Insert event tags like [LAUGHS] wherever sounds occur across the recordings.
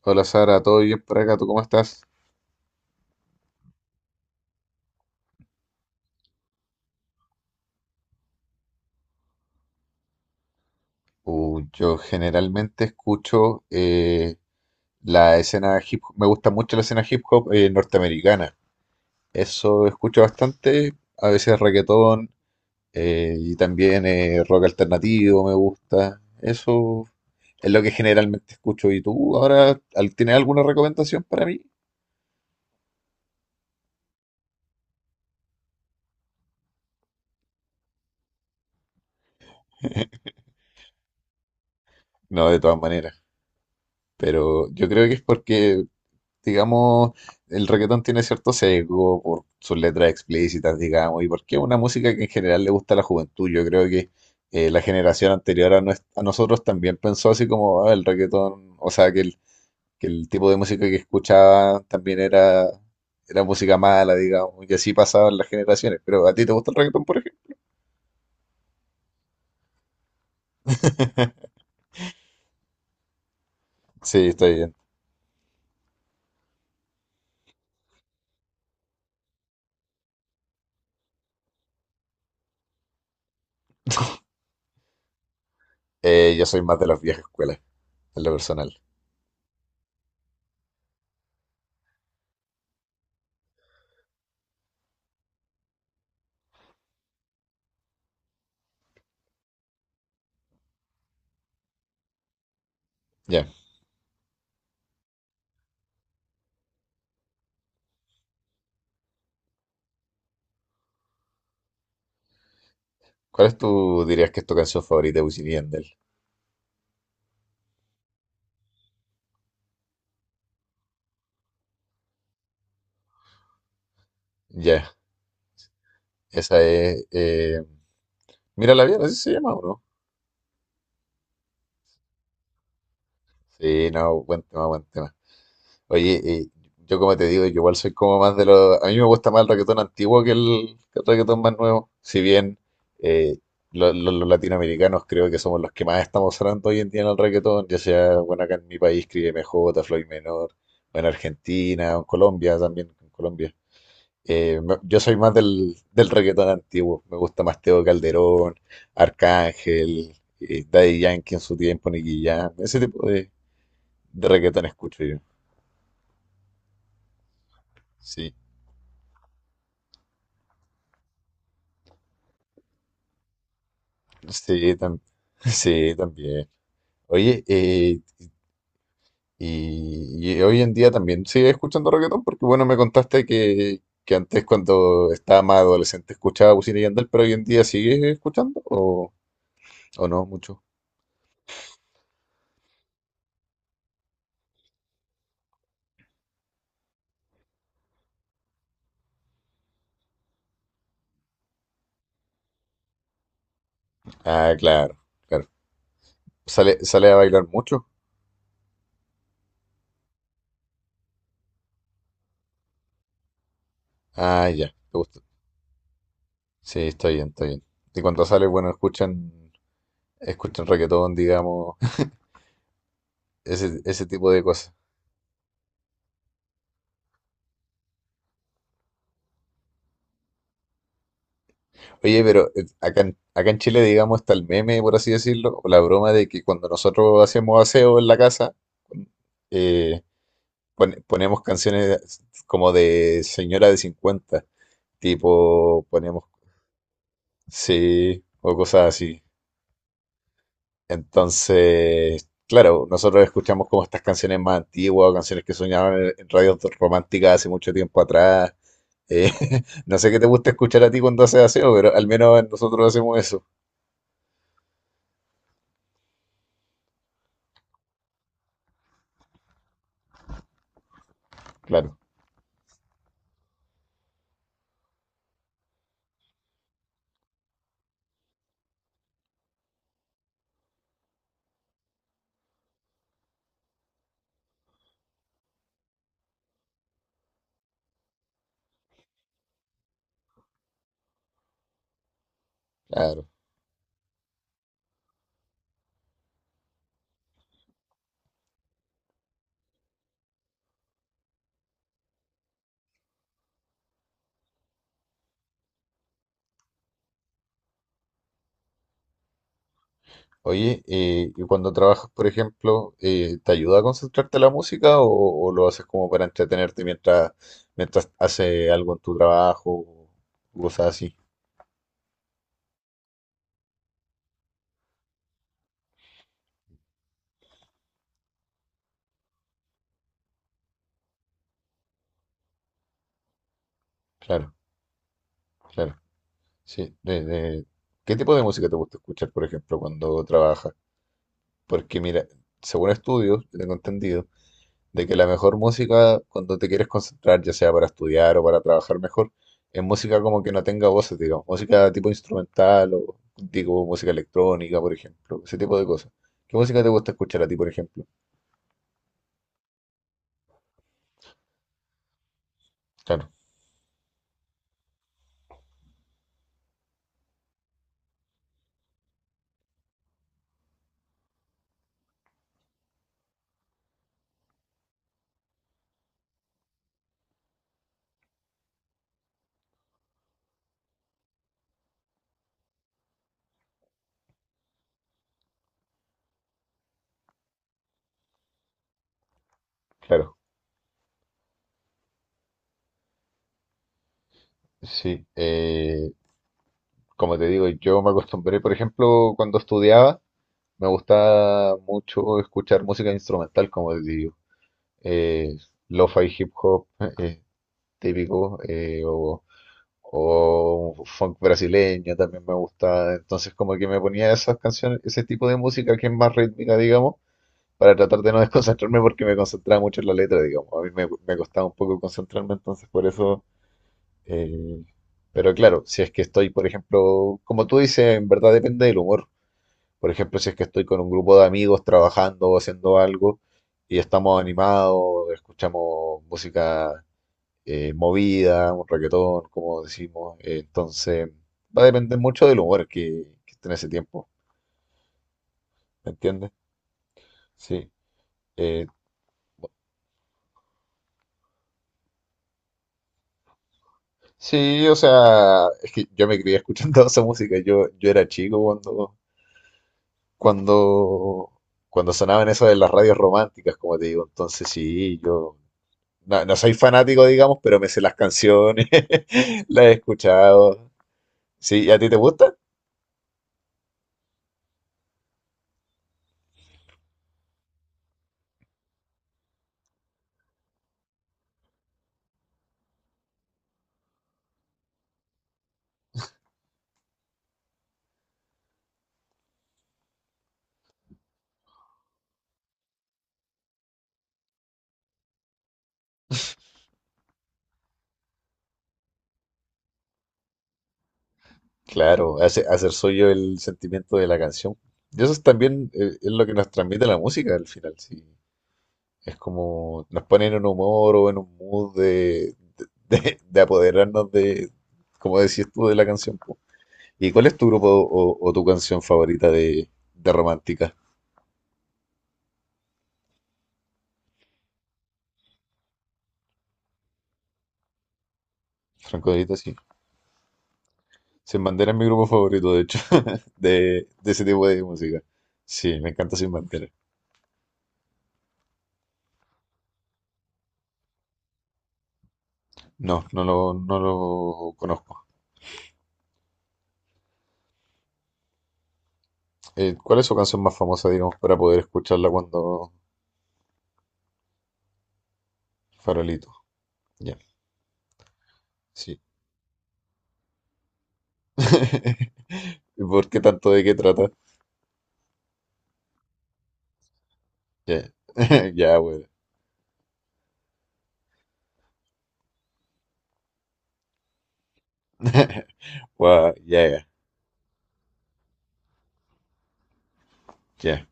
Hola Sara, ¿todo bien por acá? ¿Tú cómo estás? Yo generalmente escucho la escena hip hop, me gusta mucho la escena hip hop norteamericana. Eso escucho bastante, a veces reggaetón y también rock alternativo me gusta. Eso es lo que generalmente escucho. ¿Y tú ahora tienes alguna recomendación para mí? [LAUGHS] No, de todas maneras. Pero yo creo que es porque, digamos, el reggaetón tiene cierto sesgo por sus letras explícitas, digamos, y porque es una música que en general le gusta a la juventud. Yo creo que la generación anterior a, a nosotros también pensó así como: "Ah, el reggaetón, o sea, que el tipo de música que escuchaba también era música mala", digamos, y así pasaban las generaciones. Pero ¿a ti te gusta el reggaetón, por ejemplo? [LAUGHS] Sí, estoy bien. Yo soy más de las viejas escuelas, en lo personal. Ya. ¿Cuál es tu, dirías que es tu canción favorita de Wisin y Yandel? Ya. Esa es, Mira la vida, así se llama, ¿o no? Sí, no, buen tema, buen tema. Oye, yo como te digo, yo igual soy como más de los. A mí me gusta más el reggaetón antiguo que el reggaetón más nuevo. Si bien eh, los latinoamericanos creo que somos los que más estamos sonando hoy en día en el reggaetón, ya sea, bueno, acá en mi país, Cris M j Floyd Menor, o en Argentina, o en Colombia también, en Colombia. Yo soy más del reggaetón antiguo. Me gusta más Teo Calderón, Arcángel, Daddy Yankee en su tiempo, Nicky Jam. Ese tipo de reggaetón escucho yo. Sí, sí, [LAUGHS] sí, también. Oye, y hoy en día también sigues escuchando reggaetón porque, bueno, me contaste que antes cuando estaba más adolescente escuchaba Wisin y Yandel, pero hoy en día sigues escuchando o no mucho. Ah, claro, claro. ¿Sale, sale a bailar mucho? Ah, ya, te gusta. Sí, está bien, está bien. Y cuando sale, bueno, escuchan, escuchan reggaetón, digamos, [LAUGHS] ese tipo de cosas. Oye, pero acá en, acá en Chile, digamos, está el meme, por así decirlo, o la broma de que cuando nosotros hacemos aseo en la casa, eh, ponemos canciones como de señora de 50, tipo, ponemos, sí, o cosas así. Entonces, claro, nosotros escuchamos como estas canciones más antiguas, o canciones que soñaban en radios románticas hace mucho tiempo atrás. Eh, [LAUGHS] no sé qué te gusta escuchar a ti cuando haces aseo, pero al menos nosotros hacemos eso. Claro, claro. Oye, y cuando trabajas, por ejemplo, ¿te ayuda a concentrarte la música o lo haces como para entretenerte mientras, mientras haces algo en tu trabajo o cosas así? Claro, claro. Sí, ¿qué tipo de música te gusta escuchar, por ejemplo, cuando trabajas? Porque mira, según estudios, yo tengo entendido de que la mejor música cuando te quieres concentrar, ya sea para estudiar o para trabajar mejor, es música como que no tenga voces, digamos, música tipo instrumental o digo música electrónica, por ejemplo, ese tipo de cosas. ¿Qué música te gusta escuchar a ti, por ejemplo? Claro, claro, sí. Como te digo, yo me acostumbré, por ejemplo, cuando estudiaba, me gusta mucho escuchar música instrumental, como les digo. Eh, Lo-fi hip hop [LAUGHS] eh, típico, o funk brasileño también me gusta. Entonces, como que me ponía esas canciones, ese tipo de música que es más rítmica, digamos, para tratar de no [LAUGHS] desconcentrarme porque me concentraba mucho en la letra, digamos. A mí me, me costaba un poco concentrarme, entonces por eso. eh, pero claro, si es que estoy, por ejemplo, como tú dices, en verdad depende del humor. Por ejemplo, si es que estoy con un grupo de amigos trabajando o haciendo algo y estamos animados, escuchamos música movida, un reggaetón, como decimos. Entonces, va a depender mucho del humor que esté en ese tiempo, ¿me entiendes? Sí. Eh, sí, o sea, es que yo me crié escuchando [LAUGHS] esa música. Yo era chico cuando, cuando, cuando sonaban eso de las radios románticas, como te digo. Entonces, sí, yo no, no soy fanático, digamos, pero me sé las canciones, [LAUGHS] las he escuchado. Sí, y ¿a ti te gusta? Claro, hace, hacer suyo el sentimiento de la canción. Y eso es también es lo que nos transmite la música al final, sí. Es como nos pone en un humor o en un mood de, de apoderarnos de, como decías tú, de la canción, po. ¿Y cuál es tu grupo o tu canción favorita de romántica? Franco de Vita, sí. Sin Bandera es mi grupo favorito, de hecho, de ese tipo de música. Sí, me encanta Sin Bandera. No, no lo, no lo conozco. ¿Cuál es su canción más famosa, digamos, para poder escucharla cuando, farolito? Ya, sí. [LAUGHS] ¿Y ¿Por qué tanto, de qué trata? Ya, [LAUGHS] ya, bueno. Ya, ya, ya.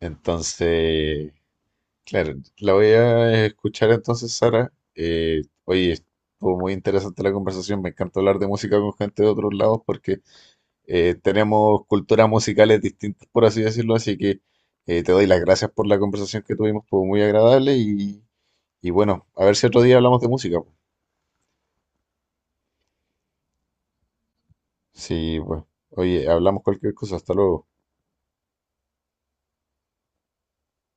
Entonces, claro, la voy a escuchar entonces, Sara. Oye, estuvo muy interesante la conversación. Me encanta hablar de música con gente de otros lados porque tenemos culturas musicales distintas, por así decirlo, así que te doy las gracias por la conversación que tuvimos, fue muy agradable y bueno, a ver si otro día hablamos de música, pues. Sí, pues, oye, hablamos cualquier cosa, hasta luego.